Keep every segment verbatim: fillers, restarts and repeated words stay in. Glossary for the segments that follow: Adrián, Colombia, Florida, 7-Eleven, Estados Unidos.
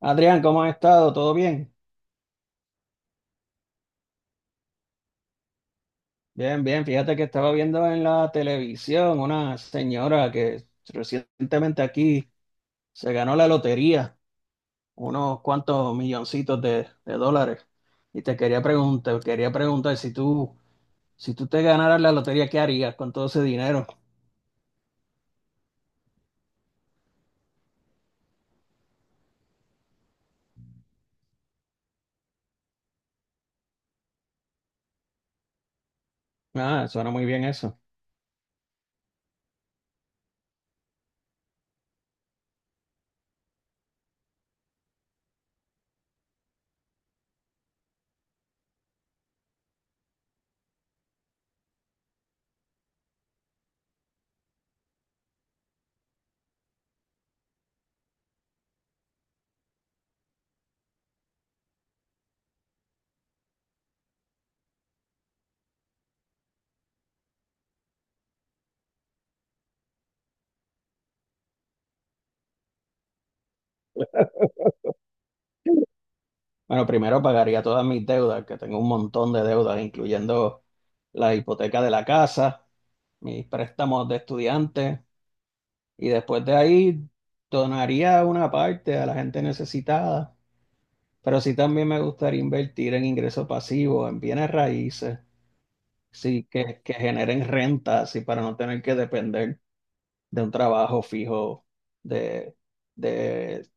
Adrián, ¿cómo has estado? ¿Todo bien? Bien, bien. Fíjate que estaba viendo en la televisión una señora que recientemente aquí se ganó la lotería, unos cuantos milloncitos de, de dólares. Y te quería preguntar, quería preguntar si tú, si tú te ganaras la lotería, ¿qué harías con todo ese dinero? Ah, suena muy bien eso. Bueno, primero pagaría todas mis deudas, que tengo un montón de deudas, incluyendo la hipoteca de la casa, mis préstamos de estudiante. Y después de ahí donaría una parte a la gente necesitada, pero sí también me gustaría invertir en ingresos pasivos, en bienes raíces, sí, que, que generen renta, así para no tener que depender de un trabajo fijo de, de,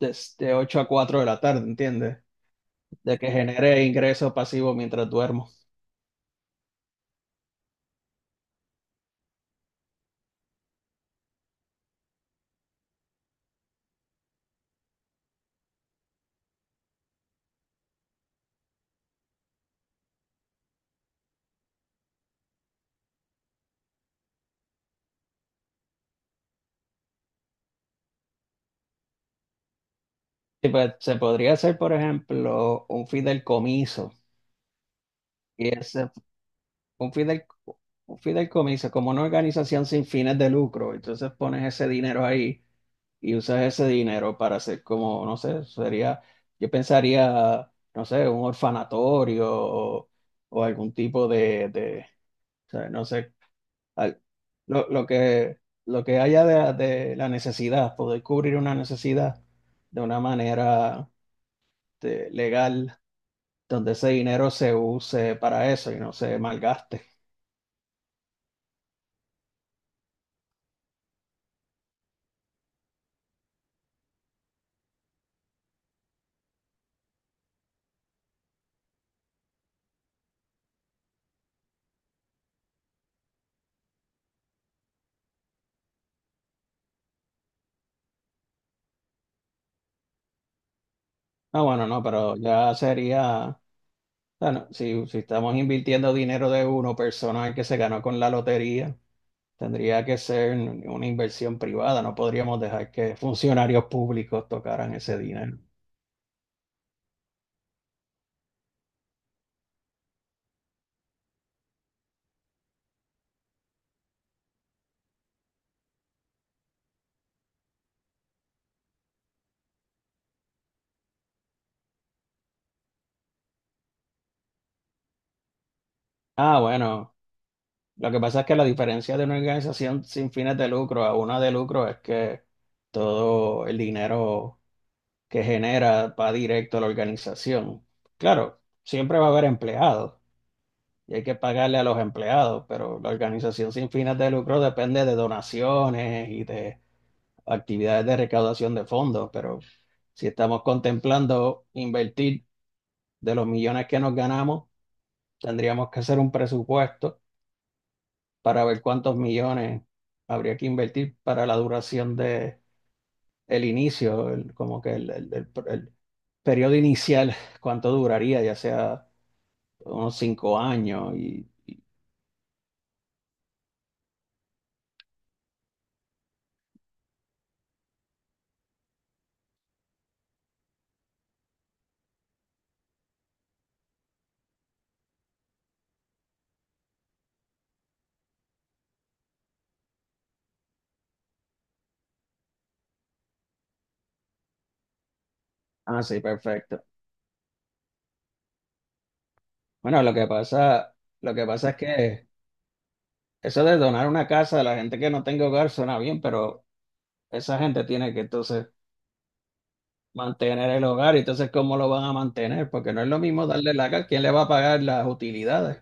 de, de ocho a cuatro de la tarde, ¿entiendes? De que genere ingresos pasivos mientras duermo. Y pues, se podría hacer, por ejemplo, un fideicomiso. Y ese un fin un fideicomiso, como una organización sin fines de lucro. Entonces pones ese dinero ahí y usas ese dinero para hacer como, no sé, sería, yo pensaría, no sé, un orfanatorio o, o algún tipo de, de, o sea, no sé, al- lo, lo que, lo que haya de, de la necesidad, poder cubrir una necesidad de una manera este, legal, donde ese dinero se use para eso y no se malgaste. Ah, bueno, no, pero ya sería, bueno, si, si estamos invirtiendo dinero de uno persona que se ganó con la lotería, tendría que ser una inversión privada, no podríamos dejar que funcionarios públicos tocaran ese dinero. Ah, bueno, lo que pasa es que la diferencia de una organización sin fines de lucro a una de lucro es que todo el dinero que genera va directo a la organización. Claro, siempre va a haber empleados y hay que pagarle a los empleados, pero la organización sin fines de lucro depende de donaciones y de actividades de recaudación de fondos, pero si estamos contemplando invertir de los millones que nos ganamos, tendríamos que hacer un presupuesto para ver cuántos millones habría que invertir para la duración de el inicio, el- como que el, el- el- el periodo inicial, cuánto duraría, ya sea unos cinco años y... Ah, sí, perfecto. Bueno, lo que pasa, lo que pasa es que eso de donar una casa a la gente que no tenga hogar suena bien, pero esa gente tiene que entonces mantener el hogar, y entonces ¿cómo lo van a mantener? Porque no es lo mismo darle la casa, ¿quién le va a pagar las utilidades?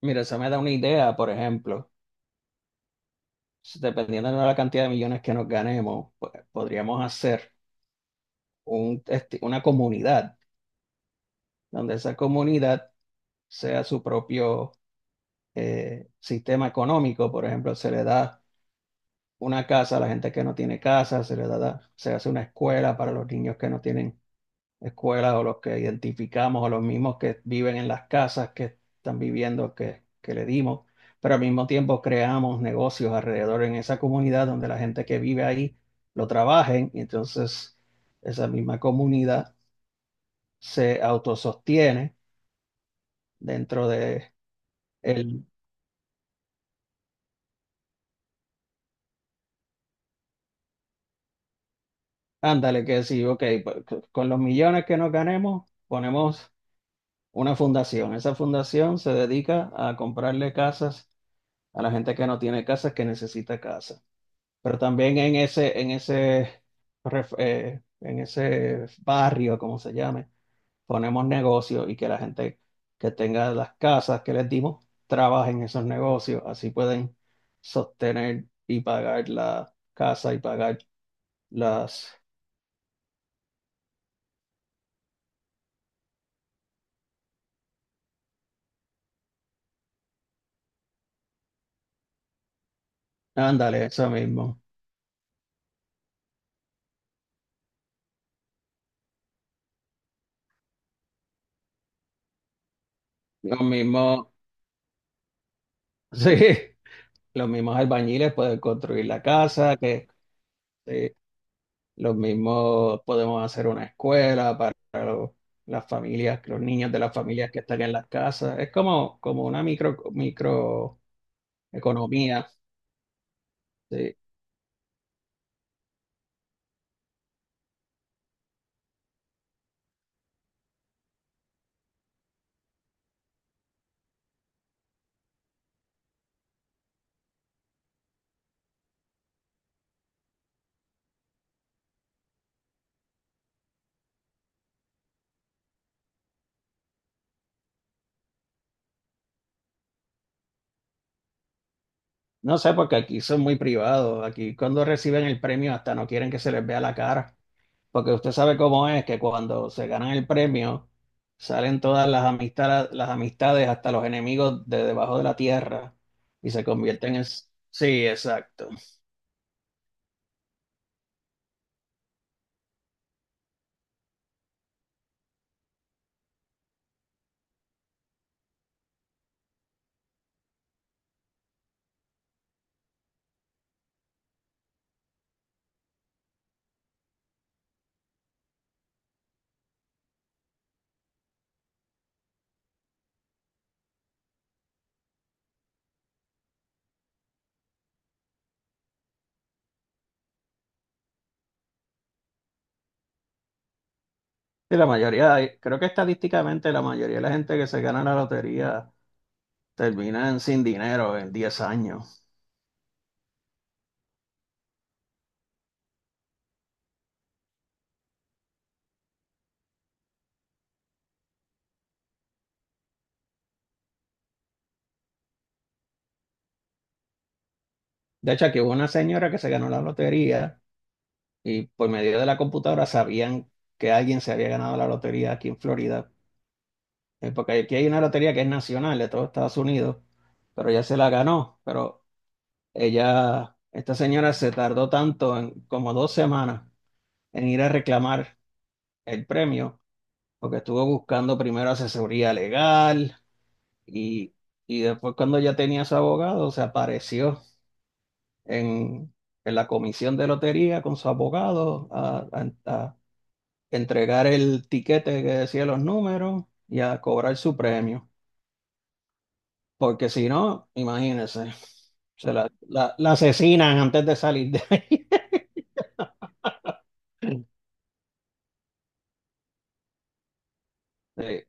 Mira, eso me da una idea, por ejemplo, si dependiendo de la cantidad de millones que nos ganemos, pues, podríamos hacer un, este, una comunidad donde esa comunidad sea su propio eh, sistema económico, por ejemplo, se le da una casa a la gente que no tiene casa, se le da, se hace una escuela para los niños que no tienen escuela o los que identificamos o los mismos que viven en las casas que están viviendo que, que le dimos, pero al mismo tiempo creamos negocios alrededor en esa comunidad donde la gente que vive ahí lo trabajen y entonces esa misma comunidad se autosostiene dentro de el, ándale, que decir, ok, pues, con los millones que nos ganemos, ponemos una fundación. Esa fundación se dedica a comprarle casas a la gente que no tiene casas, que necesita casa. Pero también en ese, en ese, ref- eh, en ese barrio, como se llame, ponemos negocios y que la gente que tenga las casas que les dimos trabaje en esos negocios. Así pueden sostener y pagar la casa y pagar las... Ándale, eso mismo. Lo mismo, sí. Los mismos albañiles pueden construir la casa, que sí, los mismos podemos hacer una escuela para los- las familias, los niños de las familias que están en las casas. Es como, como una micro, microeconomía. Sí. No sé, porque aquí son muy privados. Aquí cuando reciben el premio hasta no quieren que se les vea la cara. Porque usted sabe cómo es que cuando se ganan el premio salen todas las amistades, las amistades hasta los enemigos de debajo de la tierra y se convierten en... Sí, exacto. Sí, la mayoría, creo que estadísticamente la mayoría de la gente que se gana la lotería terminan sin dinero en diez años. De hecho, aquí hubo una señora que se ganó la lotería y por medio de la computadora sabían que alguien se había ganado la lotería aquí en Florida. Eh, Porque aquí hay una lotería que es nacional de todos Estados Unidos, pero ella se la ganó. Pero ella, esta señora se tardó tanto, en, como dos semanas, en ir a reclamar el premio, porque estuvo buscando primero asesoría legal. Y, y después cuando ya tenía su abogado, se apareció en, en la comisión de lotería con su abogado a, a- a entregar el tiquete que decía los números y a cobrar su premio. Porque si no, imagínense, se la, la- la asesinan antes de salir de ahí. Sí,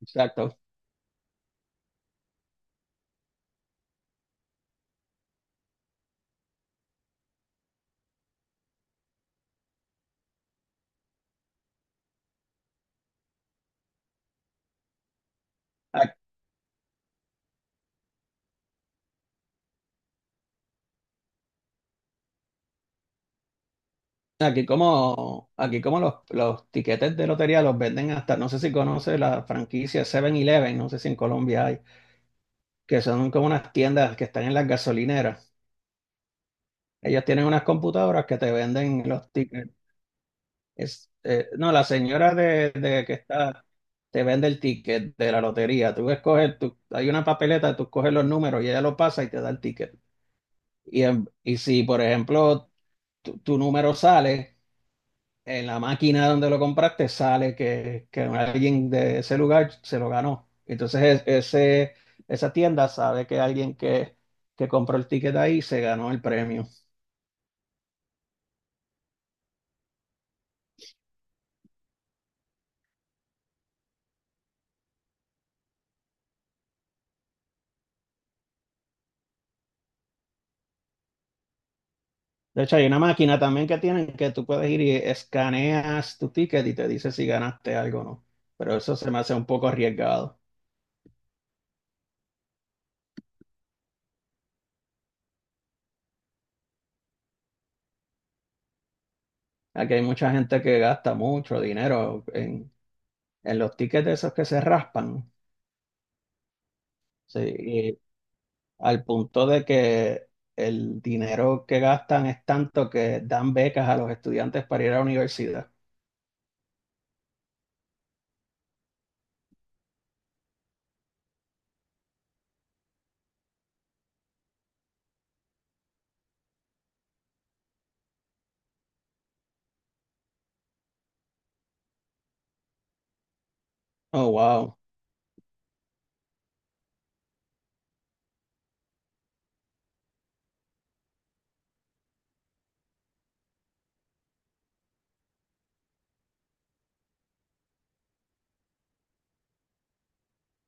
exacto. A- Aquí como, aquí como los, los tiquetes de lotería los venden hasta, no sé si conoce la franquicia siete-Eleven, no sé si en Colombia hay. Que son como unas tiendas que están en las gasolineras. Ellas tienen unas computadoras que te venden los tickets. Es, eh, no, la señora de, de que está te vende el ticket de la lotería. Tú escoges, tú, hay una papeleta, tú coges los números y ella lo pasa y te da el ticket. Y, en- y si, por ejemplo, tu, tu número sale, en la máquina donde lo compraste sale que, que alguien de ese lugar se lo ganó. Entonces es- ese, esa tienda sabe que alguien que, que compró el ticket ahí se ganó el premio. De hecho, hay una máquina también que tienen que tú puedes ir y escaneas tu ticket y te dice si ganaste algo o no. Pero eso se me hace un poco arriesgado. Aquí hay mucha gente que gasta mucho dinero en, en los tickets de esos que se raspan. ¿No? Sí, al punto de que el dinero que gastan es tanto que dan becas a los estudiantes para ir a la universidad. Oh, wow.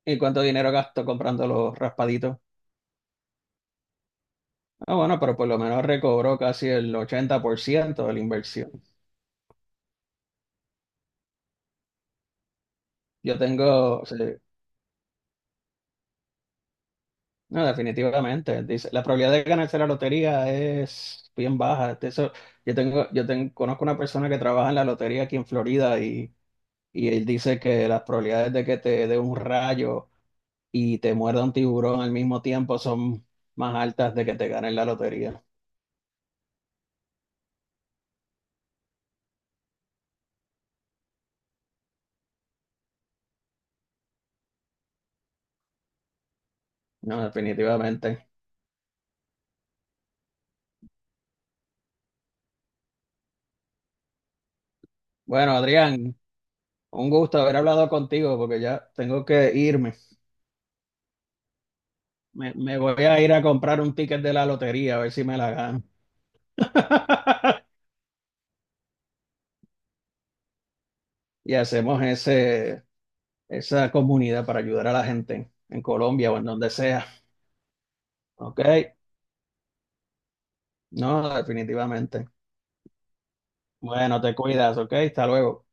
¿Y cuánto dinero gastó comprando los raspaditos? Ah, bueno, pero por lo menos recobró casi el ochenta por ciento de la inversión. Yo tengo, sí, no, definitivamente. Dice, la probabilidad de ganarse la lotería es bien baja. De eso, yo tengo, yo ten- conozco una persona que trabaja en la lotería aquí en Florida y, y él dice que las probabilidades de que te dé un rayo y te muerda un tiburón al mismo tiempo son más altas de que te ganen la lotería. No, definitivamente. Bueno, Adrián, un gusto haber hablado contigo porque ya tengo que irme. Me, me voy a ir a comprar un ticket de la lotería a ver si me la gano. Y hacemos ese esa comunidad para ayudar a la gente en Colombia o en donde sea. Ok, no, definitivamente. Bueno, te cuidas, ok, hasta luego.